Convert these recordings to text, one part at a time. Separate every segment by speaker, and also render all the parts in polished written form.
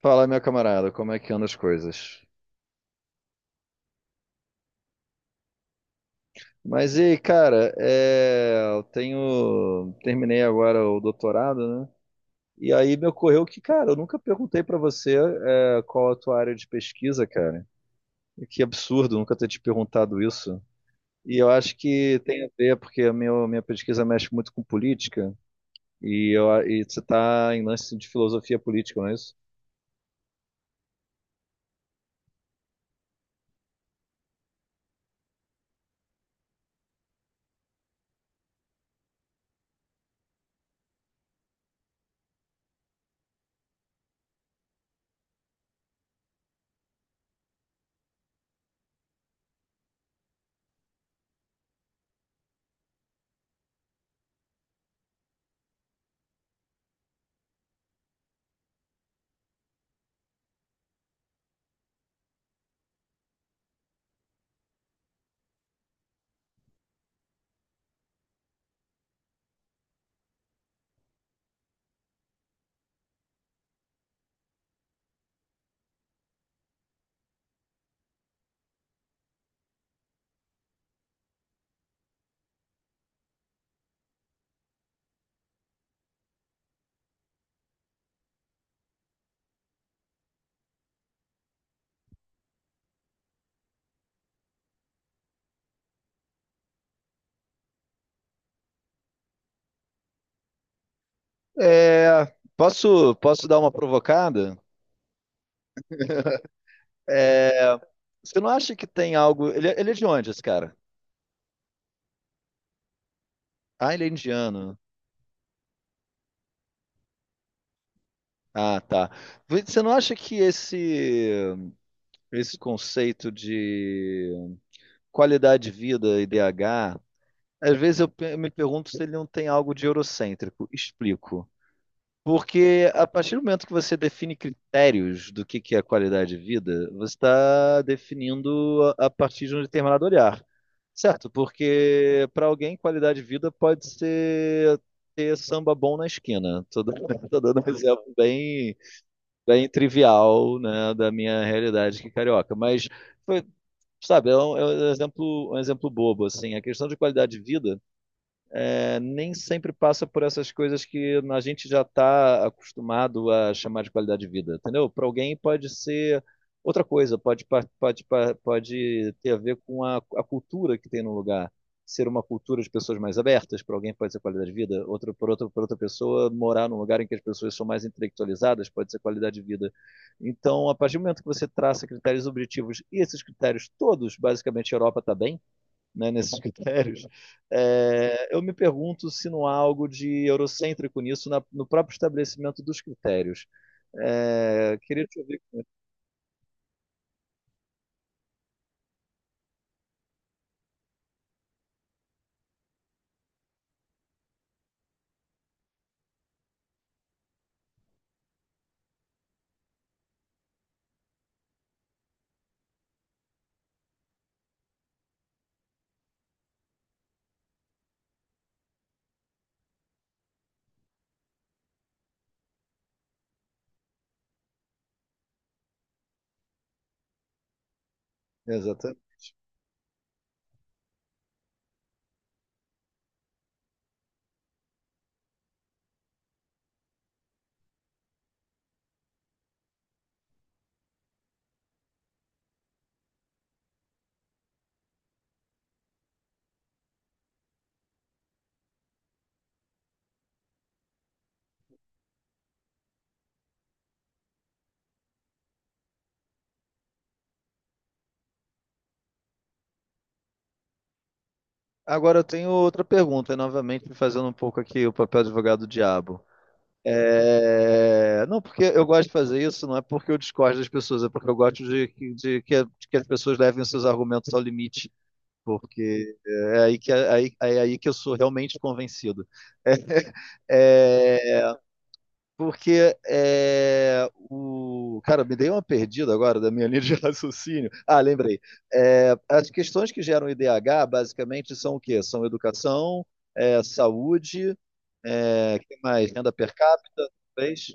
Speaker 1: Fala, meu camarada, como é que andam as coisas? Mas e aí, cara, eu terminei agora o doutorado, né? E aí me ocorreu que, cara, eu nunca perguntei pra você, qual a tua área de pesquisa, cara. Que absurdo nunca ter te perguntado isso. E eu acho que tem a ver, porque a minha pesquisa mexe muito com política, e você tá em lance de filosofia política, não é isso? É, posso dar uma provocada? É, você não acha que tem algo. Ele é de onde, esse cara? Ah, ele é indiano. Ah, tá. Você não acha que esse conceito de qualidade de vida, e IDH, às vezes eu me pergunto se ele não tem algo de eurocêntrico. Explico. Porque a partir do momento que você define critérios do que é qualidade de vida, você está definindo a partir de um determinado olhar, certo? Porque para alguém, qualidade de vida pode ser ter samba bom na esquina. Tô dando um exemplo bem trivial, né, da minha realidade aqui carioca. Foi, sabe, é é um exemplo bobo, assim. A questão de qualidade de vida nem sempre passa por essas coisas que a gente já está acostumado a chamar de qualidade de vida, entendeu? Para alguém pode ser outra coisa, pode ter a ver com a cultura que tem no lugar. Ser uma cultura de pessoas mais abertas, para alguém pode ser qualidade de vida, por outra pessoa, morar num lugar em que as pessoas são mais intelectualizadas pode ser qualidade de vida. Então, a partir do momento que você traça critérios objetivos, e esses critérios todos, basicamente, a Europa está bem, né, nesses critérios, eu me pergunto se não há algo de eurocêntrico nisso, no próprio estabelecimento dos critérios. É, queria te ouvir. Exato. Agora eu tenho outra pergunta, e novamente fazendo um pouco aqui o papel de advogado do diabo. Não, porque eu gosto de fazer isso, não é porque eu discordo das pessoas, é porque eu gosto de que as pessoas levem os seus argumentos ao limite, porque é aí é aí que eu sou realmente convencido. É, Porque é, o. Cara, me dei uma perdida agora da minha linha de raciocínio. Ah, lembrei. É, as questões que geram IDH basicamente são o quê? São educação, saúde, é, que mais? Renda per capita, talvez?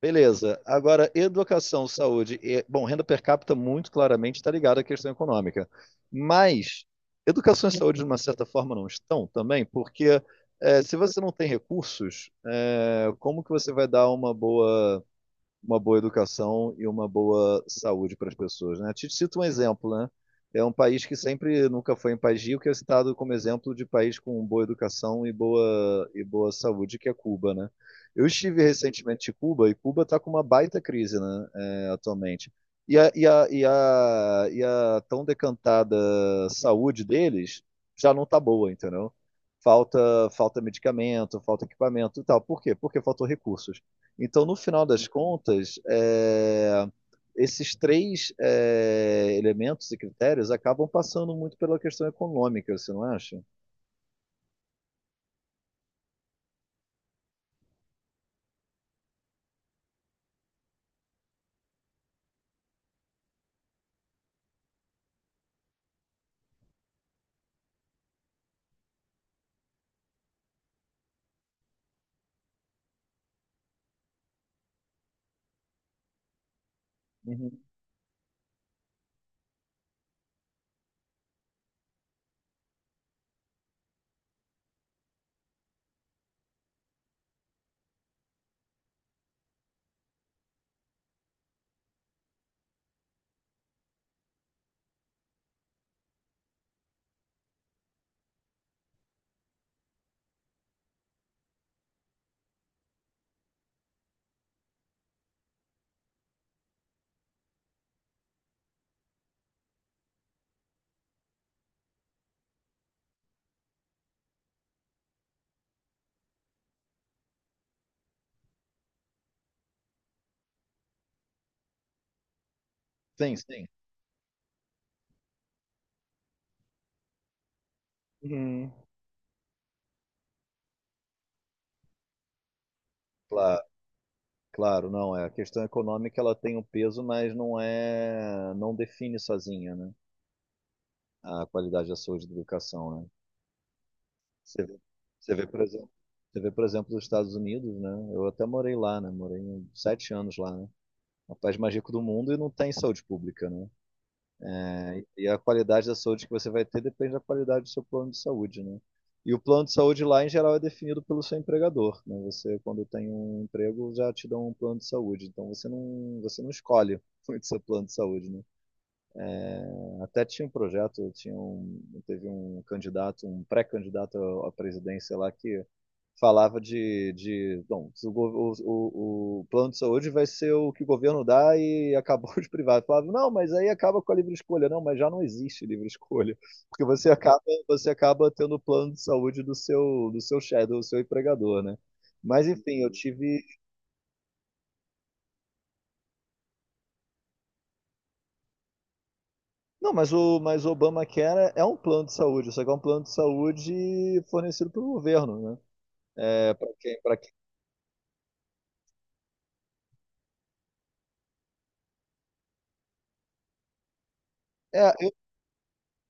Speaker 1: Beleza. Agora, educação, saúde bom, renda per capita muito claramente está ligada à questão econômica. Mas educação e saúde, de uma certa forma, não estão também, porque se você não tem recursos, como que você vai dar uma boa educação e uma boa saúde para as pessoas, né? Te cito um exemplo, né? É um país que sempre nunca foi um país rico, que é citado como exemplo de país com boa educação e boa saúde, que é Cuba, né? Eu estive recentemente em Cuba e Cuba está com uma baita crise, né? É, atualmente. E a tão decantada saúde deles já não está boa, entendeu? Falta, falta medicamento, falta equipamento e tal. Por quê? Porque faltou recursos. Então, no final das contas, esses três elementos e critérios acabam passando muito pela questão econômica, você não acha? Uhum. Sim, sim. Uhum. Claro, claro, não é. A questão econômica ela tem um peso, mas não não define sozinha, né? A qualidade da saúde e da educação, né? Você vê, você vê, por exemplo, você vê, por exemplo, os Estados Unidos, né? Eu até morei lá, né? Morei 7 anos lá, né? O país mais rico do mundo e não tem saúde pública, né? Né? E a qualidade da saúde que você vai ter depende da qualidade do seu plano de saúde, né? E o plano de saúde lá, em geral, é definido pelo seu empregador, né? Você, quando tem um emprego, já te dão um plano de saúde. Então, você não escolhe muito seu plano de saúde, né? Até tinha um projeto, teve um candidato, um pré-candidato à presidência lá que falava de bom, o plano de saúde vai ser o que o governo dá e acabou os privados. Falava, não, mas aí acaba com a livre escolha. Não, mas já não existe livre escolha, porque você acaba tendo o plano de saúde do do seu chefe, do seu empregador, né? Mas enfim, eu tive. Não, mas o Obamacare é um plano de saúde, só que é um plano de saúde fornecido pelo governo, né? É, para quem. É,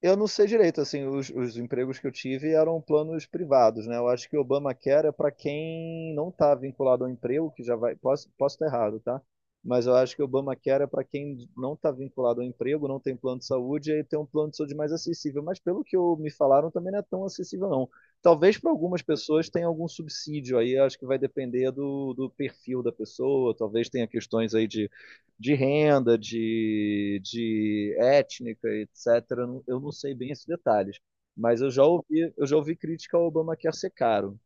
Speaker 1: eu não sei direito, assim, os empregos que eu tive eram planos privados, né? Eu acho que o Obamacare é para quem não está vinculado ao emprego, que já vai, posso estar errado, tá? Mas eu acho que o Obamacare é para quem não está vinculado ao emprego, não tem plano de saúde, e aí tem um plano de saúde mais acessível. Mas pelo que me falaram, também não é tão acessível, não. Talvez para algumas pessoas tenha algum subsídio aí, acho que vai depender do perfil da pessoa, talvez tenha questões aí de renda, de étnica, etc. Eu não- sei bem esses detalhes, mas eu já ouvi crítica ao Obamacare ser caro.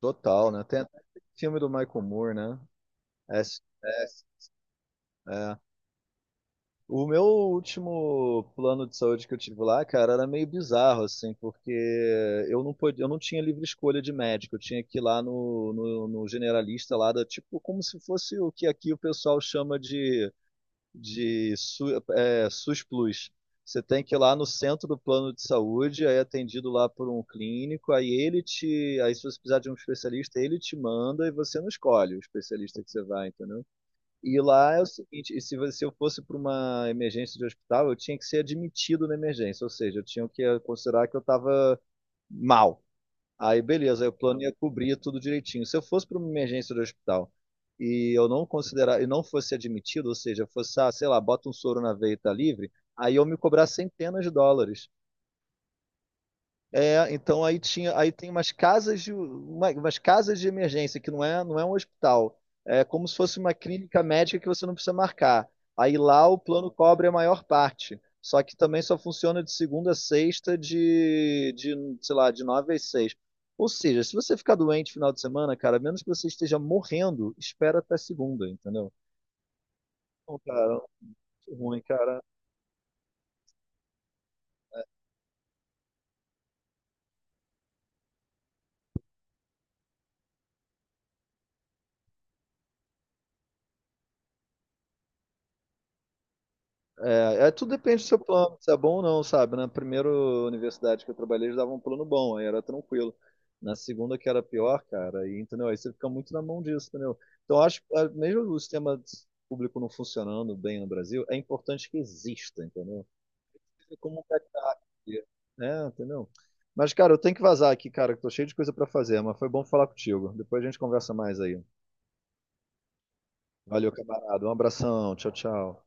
Speaker 1: Total, né? Tem até aquele filme do Michael Moore, né? SOS. É. O meu último plano de saúde que eu tive lá, cara, era meio bizarro, assim, porque eu não tinha livre escolha de médico, eu tinha que ir lá no generalista lá, da, tipo, como se fosse o que aqui o pessoal chama de SUS Plus. Você tem que ir lá no centro do plano de saúde, aí é atendido lá por um clínico, aí se você precisar de um especialista, ele te manda e você não escolhe o especialista que você vai, entendeu? E lá é o seguinte, e se eu fosse para uma emergência de hospital, eu tinha que ser admitido na emergência, ou seja, eu tinha que considerar que eu estava mal. Aí, beleza, aí o plano ia cobrir tudo direitinho. Se eu fosse para uma emergência do hospital e eu não considerar e não fosse admitido, ou seja, fosse, ah, sei lá, bota um soro na veia e tá livre, aí eu me cobrar centenas de dólares. É, então aí tinha, aí tem umas casas umas casas de emergência que não não é um hospital. É como se fosse uma clínica médica que você não precisa marcar. Aí lá o plano cobre a maior parte. Só que também só funciona de segunda a sexta sei lá, de nove às seis. Ou seja, se você ficar doente final de semana, cara, a menos que você esteja morrendo, espera até segunda, entendeu? Então, cara, ruim, cara. Tudo depende do seu plano, se é bom ou não, sabe? Na primeira universidade que eu trabalhei, eles davam um plano bom, aí era tranquilo. Na segunda, que era pior, cara, aí, entendeu? Aí você fica muito na mão disso, entendeu? Então, eu acho que mesmo o sistema público não funcionando bem no Brasil, é importante que exista, entendeu? É como um backup, né? Entendeu? Mas, cara, eu tenho que vazar aqui, cara, que tô cheio de coisa pra fazer, mas foi bom falar contigo. Depois a gente conversa mais aí. Valeu, camarada. Um abração. Tchau, tchau.